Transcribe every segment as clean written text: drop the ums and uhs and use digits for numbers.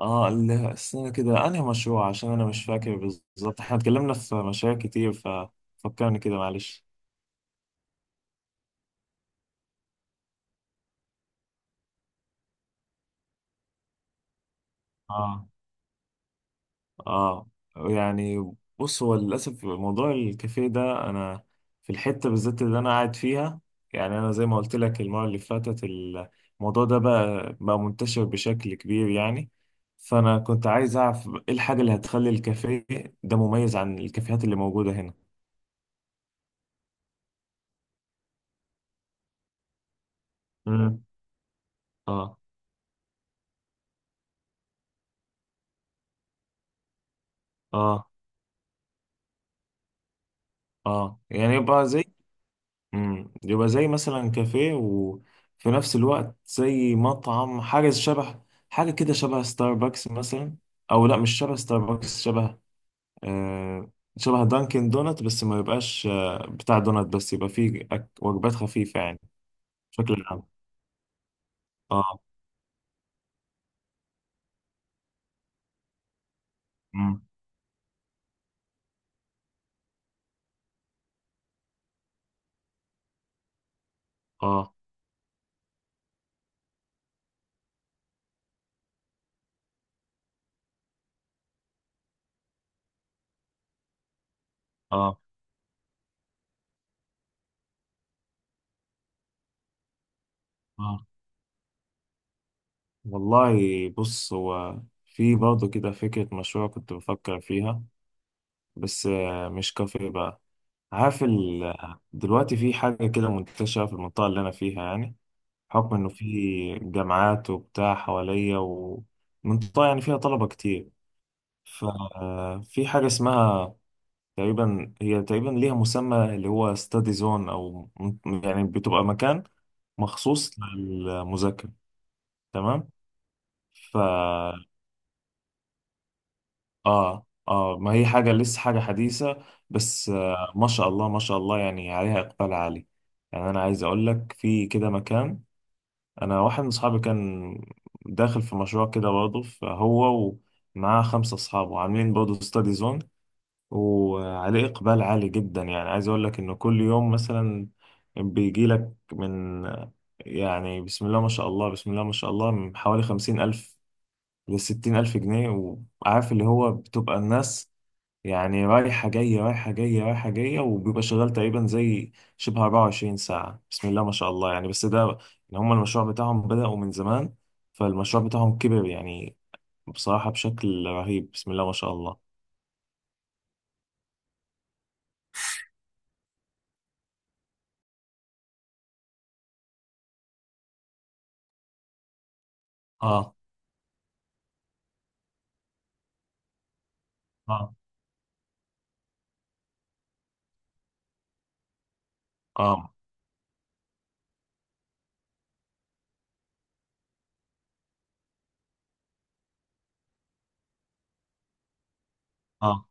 استنى كده انهي مشروع؟ عشان انا مش فاكر بالظبط. احنا اتكلمنا في مشاريع كتير، ففكرني كده معلش. اه. اه. يعني بص، هو للاسف موضوع الكافيه ده، انا في الحته بالذات اللي انا قاعد فيها، يعني انا زي ما قلت لك المره اللي فاتت، الموضوع ده بقى منتشر بشكل كبير يعني. فانا كنت عايز اعرف ايه الحاجه اللي هتخلي الكافيه ده مميز عن الكافيهات اللي موجوده هنا. امم. اه. اه. اه، يعني يبقى زي، امم، يبقى زي مثلا كافيه وفي نفس الوقت زي مطعم، حاجة شبه، حاجة كده شبه ستاربكس مثلا. أو لا، مش شبه ستاربكس، شبه آه شبه دانكن دونت، بس ما يبقاش بتاع دونت، بس يبقى فيه وجبات خفيفة يعني، بشكل عام. اه. امم. اه. اه. اه. والله، بص، هو في برضه كده فكرة مشروع كنت بفكر فيها، بس مش كافيه بقى. عارف ال... دلوقتي في حاجة كده منتشرة في المنطقة اللي أنا فيها يعني، بحكم إنه في جامعات وبتاع حواليا، ومنطقة يعني فيها طلبة كتير. ففي حاجة اسمها، تقريبا هي تقريبا ليها مسمى اللي هو ستادي زون، أو يعني بتبقى مكان مخصوص للمذاكرة، تمام. ف آه آه، ما هي حاجة لسه، حاجة حديثة، بس ما شاء الله ما شاء الله يعني عليها إقبال عالي. يعني أنا عايز أقول لك في كده مكان، انا واحد من اصحابي كان داخل في مشروع كده برضه، فهو ومعاه خمسة اصحابه عاملين برضه ستادي زون، وعليه اقبال عالي جدا. يعني عايز اقول لك انه كل يوم مثلا بيجي لك يعني بسم الله ما شاء الله بسم الله ما شاء الله من حوالي 50,000 لـ60,000 جنيه، وعارف اللي هو بتبقى الناس يعني رايحة جاية رايحة جاية رايحة جاية، وبيبقى شغال تقريبا زي شبه 24 ساعة بسم الله ما شاء الله يعني. بس ده إن هما المشروع بتاعهم بدأوا من زمان، فالمشروع بتاعهم كبر يعني بصراحة بشكل رهيب، بسم الله ما شاء الله. اه. اه. اه. اه.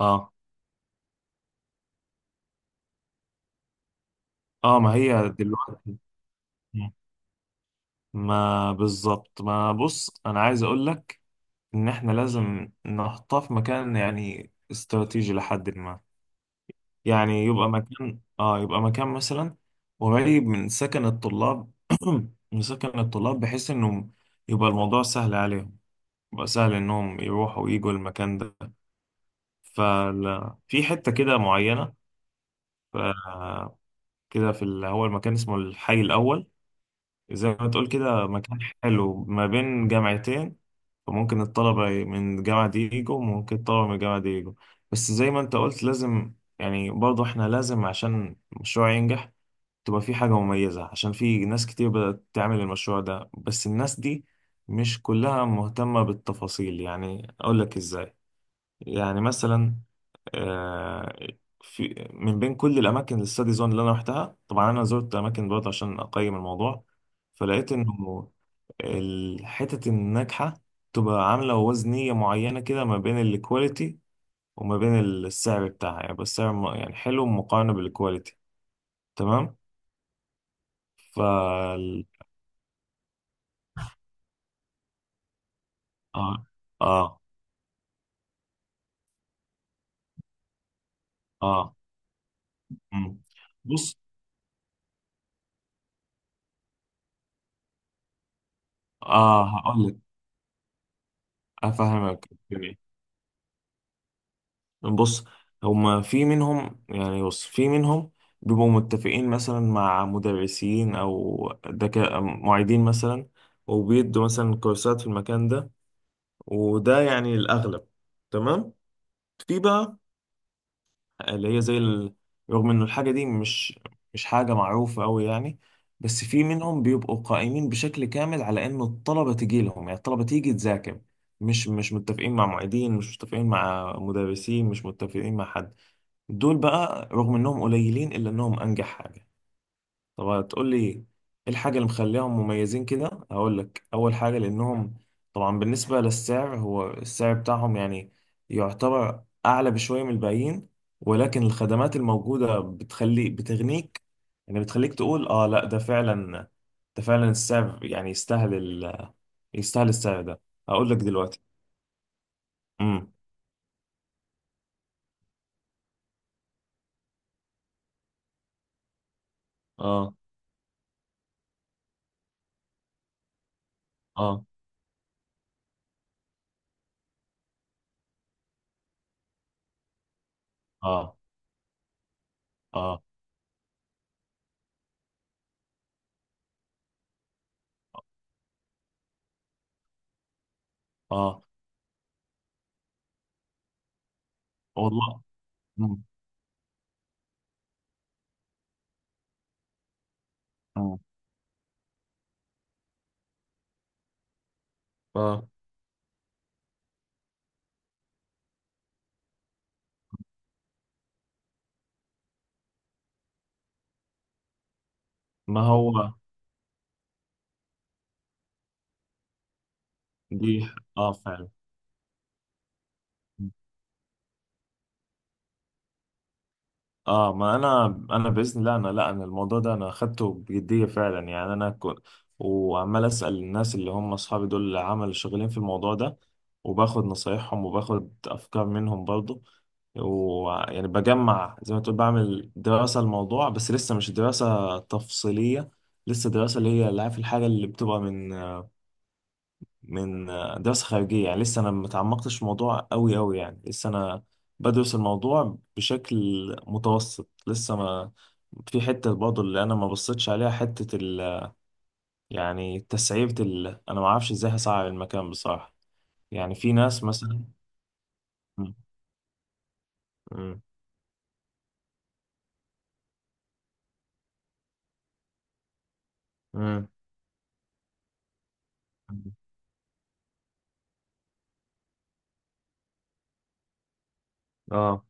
اه. اه ما هي دلوقتي، ما بالظبط ما بص انا عايز اقول لك ان احنا لازم نحطها في مكان يعني استراتيجي، لحد ما يعني يبقى مكان مثلا قريب من سكن الطلاب. من سكن الطلاب بحيث انه يبقى الموضوع سهل عليهم، يبقى سهل انهم يروحوا ويجوا المكان ده. ففي حتة كده معينة، ف- كده هو المكان اسمه الحي الأول، زي ما تقول كده مكان حلو ما بين جامعتين. فممكن الطلبة من الجامعة دي يجوا، وممكن الطلبة من الجامعة دي يجوا. بس زي ما انت قلت لازم يعني برضه احنا لازم عشان المشروع ينجح تبقى في حاجة مميزة، عشان في ناس كتير بدأت تعمل المشروع ده، بس الناس دي مش كلها مهتمة بالتفاصيل. يعني أقول لك إزاي، يعني مثلا آه، في من بين كل الأماكن الستادي زون اللي أنا رحتها، طبعا أنا زرت أماكن برضه عشان أقيم الموضوع، فلقيت إنه الحتت الناجحة تبقى عاملة وزنية معينة كده ما بين الكواليتي وما بين السعر بتاعها. يعني بس سعر يعني حلو مقارنة بالكواليتي، تمام. اه. اه. اه. مم. بص. اه هقول لك، افهمك الدنيا. بص، هما في منهم يعني بص في منهم بيبقوا متفقين مثلا مع مدرسين او معيدين مثلا، وبيدوا مثلا كورسات في المكان ده، وده يعني الاغلب، تمام. في بقى اللي هي زي ال... رغم إنه الحاجة دي مش حاجة معروفة أوي يعني، بس في منهم بيبقوا قائمين بشكل كامل على إنه الطلبة تيجي لهم، يعني الطلبة تيجي تذاكر، مش متفقين مع معيدين، مش متفقين مع مدرسين، مش متفقين مع حد. دول بقى رغم إنهم قليلين إلا إنهم أنجح حاجة. طب هتقول لي ايه الحاجة اللي مخليهم مميزين كده؟ هقول لك، اول حاجة لانهم طبعا بالنسبة للسعر، هو السعر بتاعهم يعني يعتبر اعلى بشوية من الباقيين، ولكن الخدمات الموجودة بتخلي، بتغنيك يعني، بتخليك تقول اه لا ده فعلا، ده فعلا السعر يعني يستاهل يستاهل السعر ده. هقول لك دلوقتي. امم. اه. اه. اه. اه. اه. والله. امم. اه ما هو دي. اه فعلا. اه، ما انا باذن الله، انا لا، انا الموضوع ده انا اخدته بجديه فعلا، يعني انا كنت وعمال اسال الناس اللي هم اصحابي دول اللي عمل شغالين في الموضوع ده، وباخد نصايحهم وباخد افكار منهم برضو. ويعني بجمع، زي ما تقول، بعمل دراسه الموضوع، بس لسه مش دراسه تفصيليه، لسه دراسه اللي هي اللي، عارف الحاجه اللي بتبقى من دراسة خارجية يعني. لسه أنا متعمقتش في الموضوع أوي أوي يعني، لسه أنا بدرس الموضوع بشكل متوسط لسه. ما في حتة برضه اللي أنا ما بصيتش عليها، حتة ال يعني تسعيرة أنا ما أعرفش إزاي هسعر المكان بصراحة، يعني في ناس مثلا. مم. مم. مم. آه.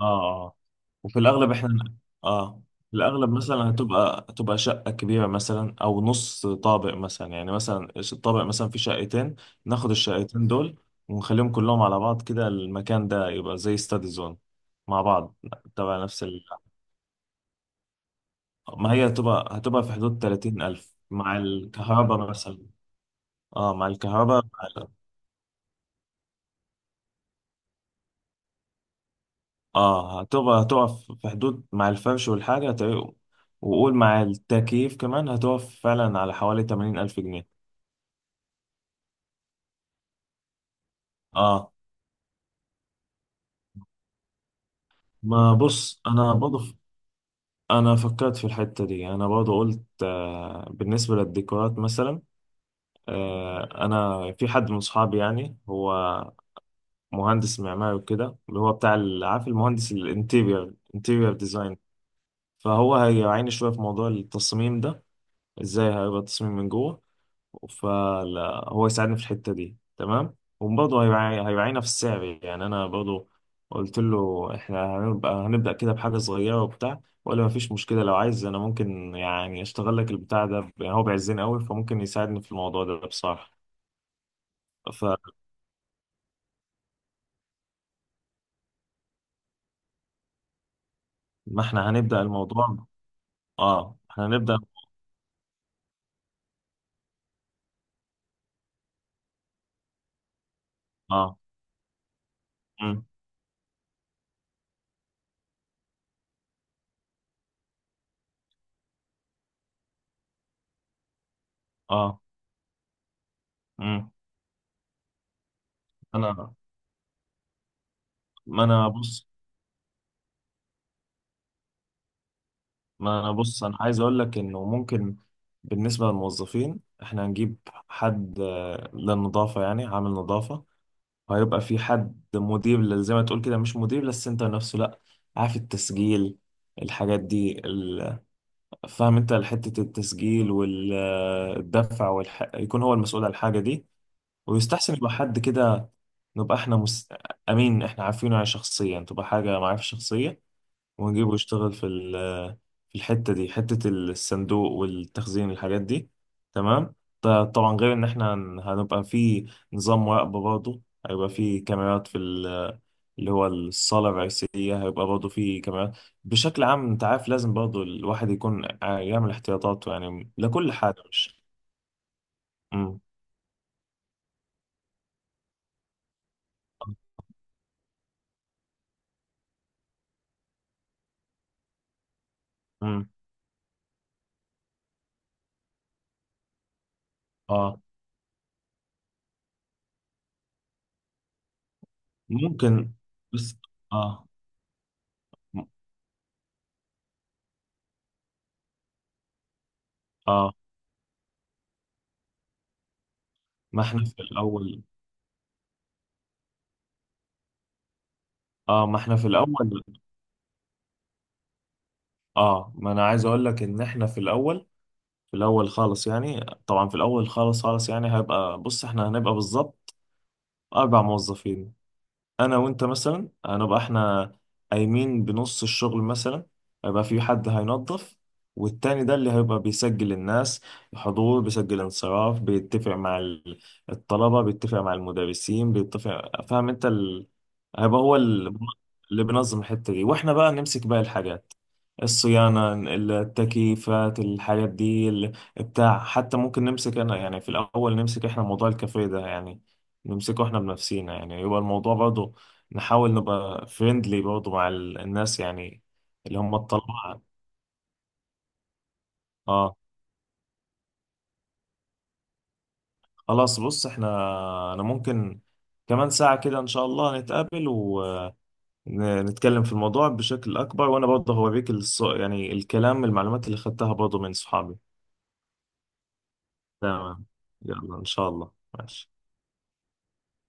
اه. اه وفي الاغلب احنا، اه في الاغلب مثلا هتبقى شقه كبيره مثلا، او نص طابق مثلا، يعني مثلا الطابق مثلا فيه شقتين، ناخد الشقتين دول ونخليهم كلهم على بعض كده، المكان ده يبقى زي ستادي زون مع بعض، تبع نفس ما هي هتبقى في حدود 30,000 مع الكهرباء مثلا. اه مع الكهرباء. اه هتبقى، هتقف في حدود مع الفرش والحاجة، هتبقى، وقول مع التكييف كمان، هتقف فعلا على حوالي 80 ألف جنيه. اه، ما بص أنا برضه أنا فكرت في الحتة دي، أنا برضه قلت آه بالنسبة للديكورات مثلا، آه أنا في حد من صحابي يعني، هو مهندس معماري وكده، اللي هو بتاع عارف، المهندس الانتيريور، انتيريور ديزاين. فهو هيعاني شوية في موضوع التصميم ده، ازاي هيبقى التصميم من جوه، فلا هو يساعدني في الحتة دي تمام، وبرضه هيبقى هيوعينا في السعر. يعني انا برضه قلت له احنا هنبدأ كده بحاجة صغيرة وبتاع، ولا ما فيش مشكلة، لو عايز انا ممكن يعني اشتغل لك البتاع ده يعني هو بيعزني قوي، فممكن يساعدني في الموضوع ده بصراحة. فما احنا هنبدأ الموضوع. اه احنا هنبدأ. اه. مم. اه. مم. انا، ما انا بص، ما انا بص انا عايز اقول لك انه ممكن بالنسبه للموظفين احنا هنجيب حد للنظافه يعني، عامل نظافه، وهيبقى في حد مدير زي ما تقول كده، مش مدير للسنتر نفسه لا، عارف التسجيل الحاجات دي فاهم انت، حته التسجيل والدفع يكون هو المسؤول عن الحاجه دي. ويستحسن يبقى حد كده نبقى احنا امين، احنا عارفينه يعني شخصيا، تبقى حاجه معرفه شخصيه، ونجيبه يشتغل في في الحتة دي، حتة الصندوق والتخزين الحاجات دي، تمام. ط- طبعا غير ان احنا هنبقى في نظام مراقبة برضه، هيبقى في كاميرات في اللي هو الصالة الرئيسية، هيبقى برضه في كاميرات بشكل عام. انت عارف لازم برضه الواحد يكون يعمل احتياطاته يعني لكل حاجة مش. مم. مم. اه ممكن، بس اه. م- اه ما احنا في الاول. اه ما احنا في الاول. اه ما انا عايز اقول لك ان احنا في الاول، في الاول خالص يعني، طبعا في الاول خالص خالص يعني، هيبقى بص احنا هنبقى بالظبط 4 موظفين، انا وانت مثلا هنبقى احنا قايمين بنص الشغل مثلا، هيبقى في حد هينظف، والتاني ده اللي هيبقى بيسجل الناس، حضور، بيسجل انصراف، بيتفق مع الطلبة، بيتفق مع المدرسين، بيتفق، فاهم انت هيبقى هو اللي بينظم الحتة دي، واحنا بقى نمسك باقي الحاجات، الصيانة، التكييفات، الحاجات دي بتاع، حتى ممكن نمسك انا يعني في الاول، نمسك احنا موضوع الكافيه ده يعني، نمسكه احنا بنفسينا، يعني يبقى الموضوع برضه نحاول نبقى فريندلي برضه مع الناس يعني، اللي هم الطلبة. اه خلاص بص، احنا انا ممكن كمان ساعة كده ان شاء الله نتقابل ونتكلم في الموضوع بشكل اكبر، وانا برضه هوريك يعني الكلام، المعلومات اللي خدتها برضه من صحابي. تمام، يلا ان شاء الله. ماشي.